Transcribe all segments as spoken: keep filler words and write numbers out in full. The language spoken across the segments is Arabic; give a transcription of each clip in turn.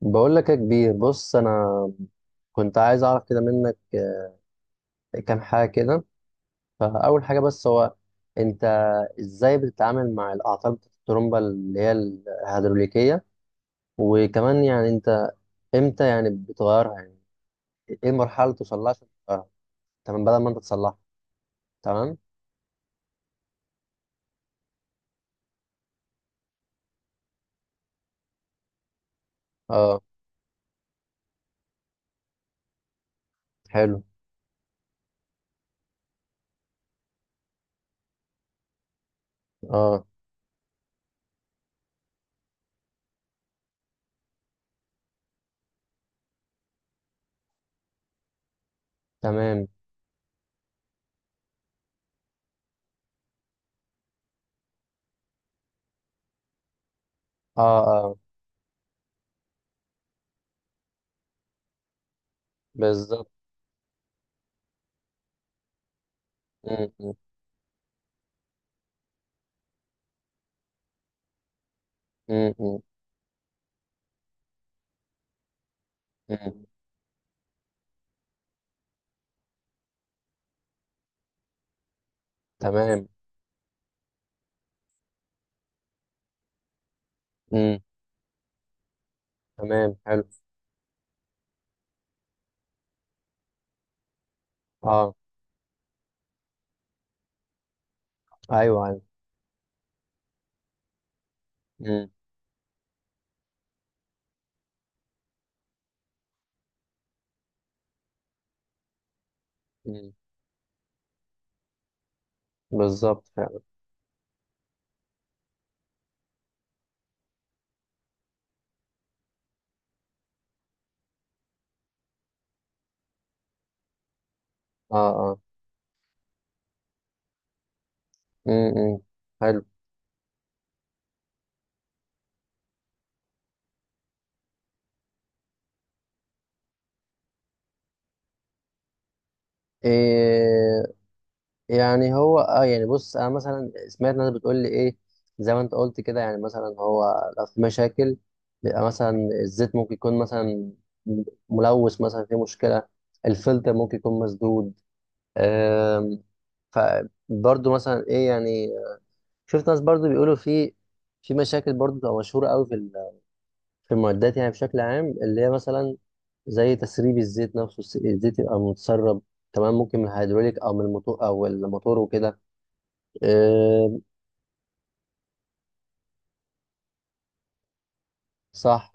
بقول لك يا كبير، بص انا كنت عايز اعرف كده منك آه، كام حاجه كده. فاول حاجه بس هو انت ازاي بتتعامل مع الاعطال بتاعت الترومبه اللي هي الهيدروليكيه؟ وكمان يعني انت امتى يعني بتغيرها؟ يعني ايه المرحله اللي توصل لها عشان تغيرها؟ تمام، بدل ما انت تصلحها. تمام. اه. حلو. اه. تمام. اه. اه. بالظبط. م- م- م- م- م. تمام. م. تمام. حلو. اه. ايوه. ايوه. م- م. بالظبط، فعلا. اه. اه. امم. إمم. حلو. إيه. يعني هو اه يعني بص انا مثلا سمعت ناس بتقول لي ايه. زي ما انت قلت كده، يعني مثلا هو لو في مشاكل بيبقى مثلا الزيت ممكن يكون مثلا ملوث، مثلا في مشكله، الفلتر ممكن يكون مسدود، آم، فبرضه مثلا ايه يعني. شفت ناس برضه بيقولوا في في مشاكل برضه بتبقى مشهوره قوي في المعدات، يعني بشكل عام اللي هي مثلا زي تسريب الزيت نفسه، الس- الزيت يبقى متسرب، تمام، ممكن من الهيدروليك او من الموتور او الموتور وكده. إيه. صح.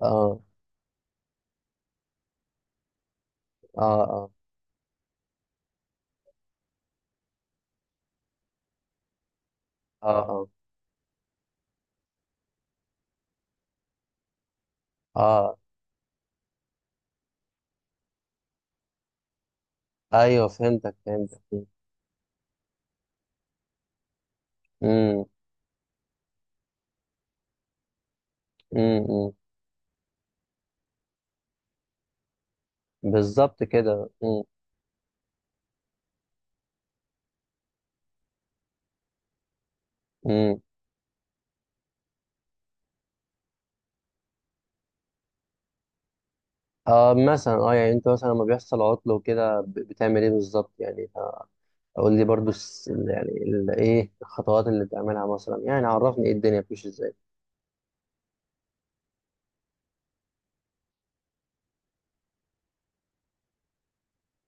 اه. اه. اه. اه. اه. اه. ايوه، فهمتك، فهمتك. امم. امم. بالظبط كده. امم. امم. آه مثلا اه يعني انت مثلا لما بيحصل عطل وكده ب- بتعمل ايه بالظبط يعني؟ قول لي برضو، الس- يعني ال- ايه الخطوات اللي بتعملها مثلا؟ يعني عرفني ايه الدنيا بتمشي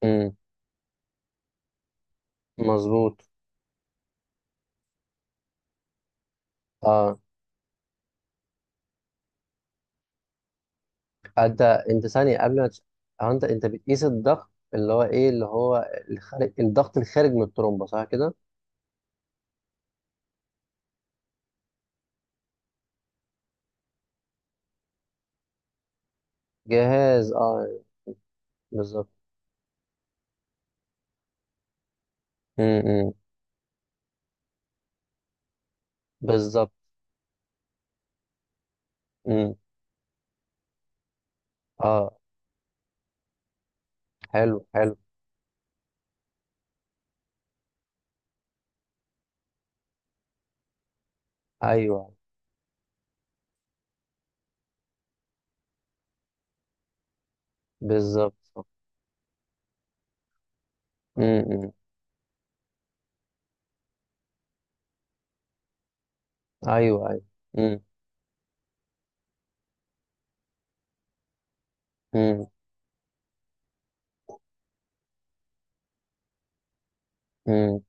ازاي. مظبوط. اه. انت انت ثانية قبل ما تش... آه، انت انت بتقيس الضغط، اللي هو ايه، اللي هو الخارج، الضغط الخارج من الترومبة، صح كده؟ جهاز. اه. بالظبط. امم. بالظبط. امم. اه. حلو، حلو. ايوه. بالظبط. امم. ايوه، ايوه. امم. امم. امم.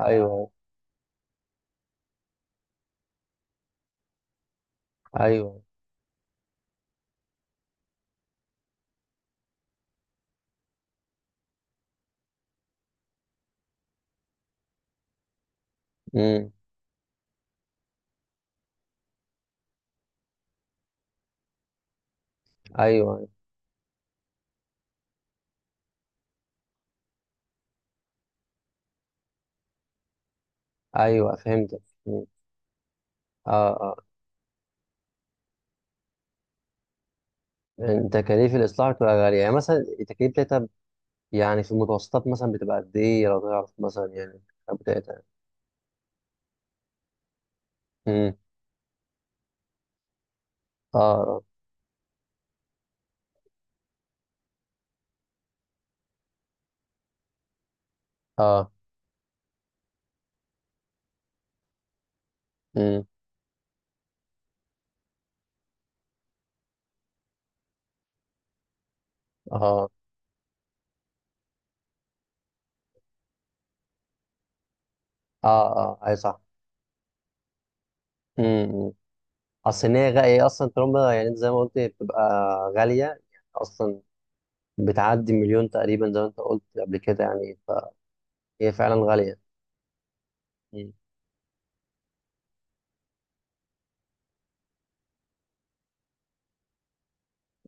ايوه، ايوه. امم. ايوه، ايوه، فهمتك. مم. اه. اه. إن تكاليف الاصلاح بتبقى غاليه، يعني مثلا التكاليف بتاعتها، يعني في المتوسطات مثلا بتبقى قد ايه، لو تعرف مثلا، يعني الامتحانات بتاعتها يعني. امم. اه. اه. امم. اه. اه. اه. اي. صح. امم. اصل إن هي غا- هي اصلا ترومبا، يعني أنت زي ما قلت هي بتبقى غاليه يعني، اصلا بتعدي مليون تقريبا، زي ما انت قلت قبل كده يعني، فهي فعلا غاليه. مم.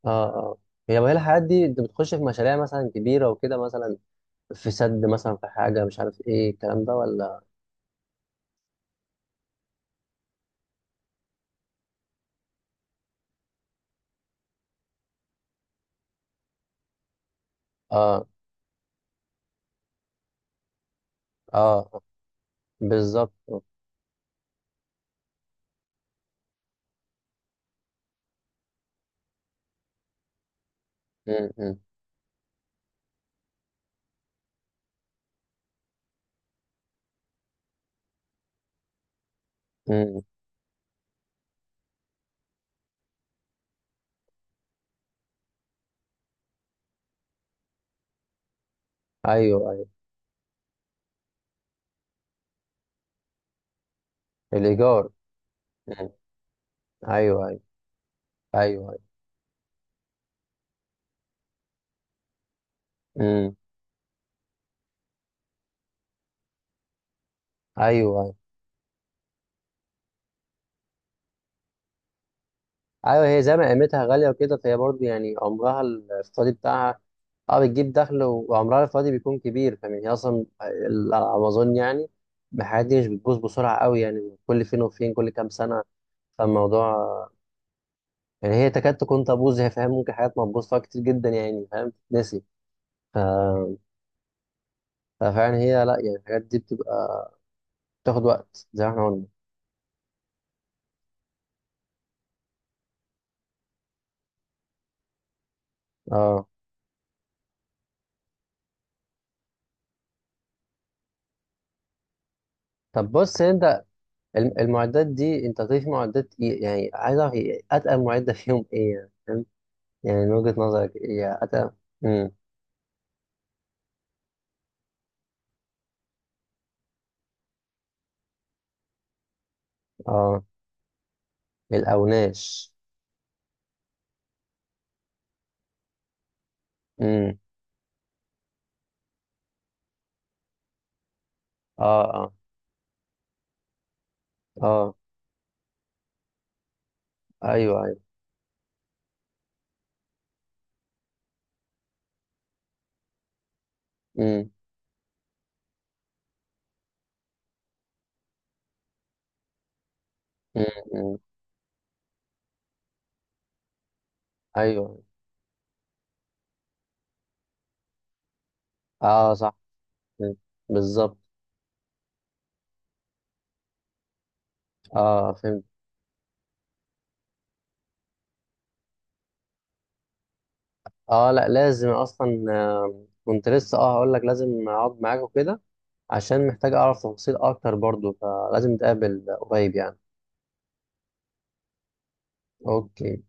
اه. اه. هي بقى الحاجات دي، انت بتخش في مشاريع مثلا كبيره وكده، مثلا في سد، مثلا في حاجه مش عارف ايه الكلام ده، ولا؟ اه. اه. آه. بالظبط. مم، مم، مم. ايوه، ايوه، الايجار. مم. ايوه، ايوه، ايوه، ايوه. مم. ايوه، ايوه، ايوه. هي زي ما قيمتها غاليه وكده، فهي برضه يعني عمرها الافتراضي بتاعها. اه، بتجيب دخل، وعمرها الافتراضي بيكون كبير، فمن هي اصلا ال- على ما اظن يعني الحاجات دي مش بتبوظ بسرعه قوي، يعني كل فين وفين، كل كام سنه. فالموضوع يعني هي تكاد تكون تبوظ، هي فاهم، ممكن حاجات ما تبوظ فيها كتير جدا، يعني فاهم تتنسي ف... ففعلا هي، لا يعني الحاجات دي بتبقى بتاخد وقت زي ما احنا قلنا. اه، طب بص انت، الم- المعدات دي انت هتلاقي في معدات ايه؟ يعني عايز اعرف ايه اتقل معدة فيهم ايه يعني، فاهم؟ يعني من وجهة نظرك ايه يعني اتقل؟ امم. اه. الاوناش. امم. اه. اه. اه. ايوه، ايوه. امم. امم. أمم. ايوه. اه. صح. أمم. بالظبط. اه، فهمت. اه، لا، لازم اصلا، آه، كنت لسه اه هقول لك لازم اقعد معاك وكده، عشان محتاج اعرف تفاصيل اكتر برضو، فلازم نتقابل قريب يعني. اوكي.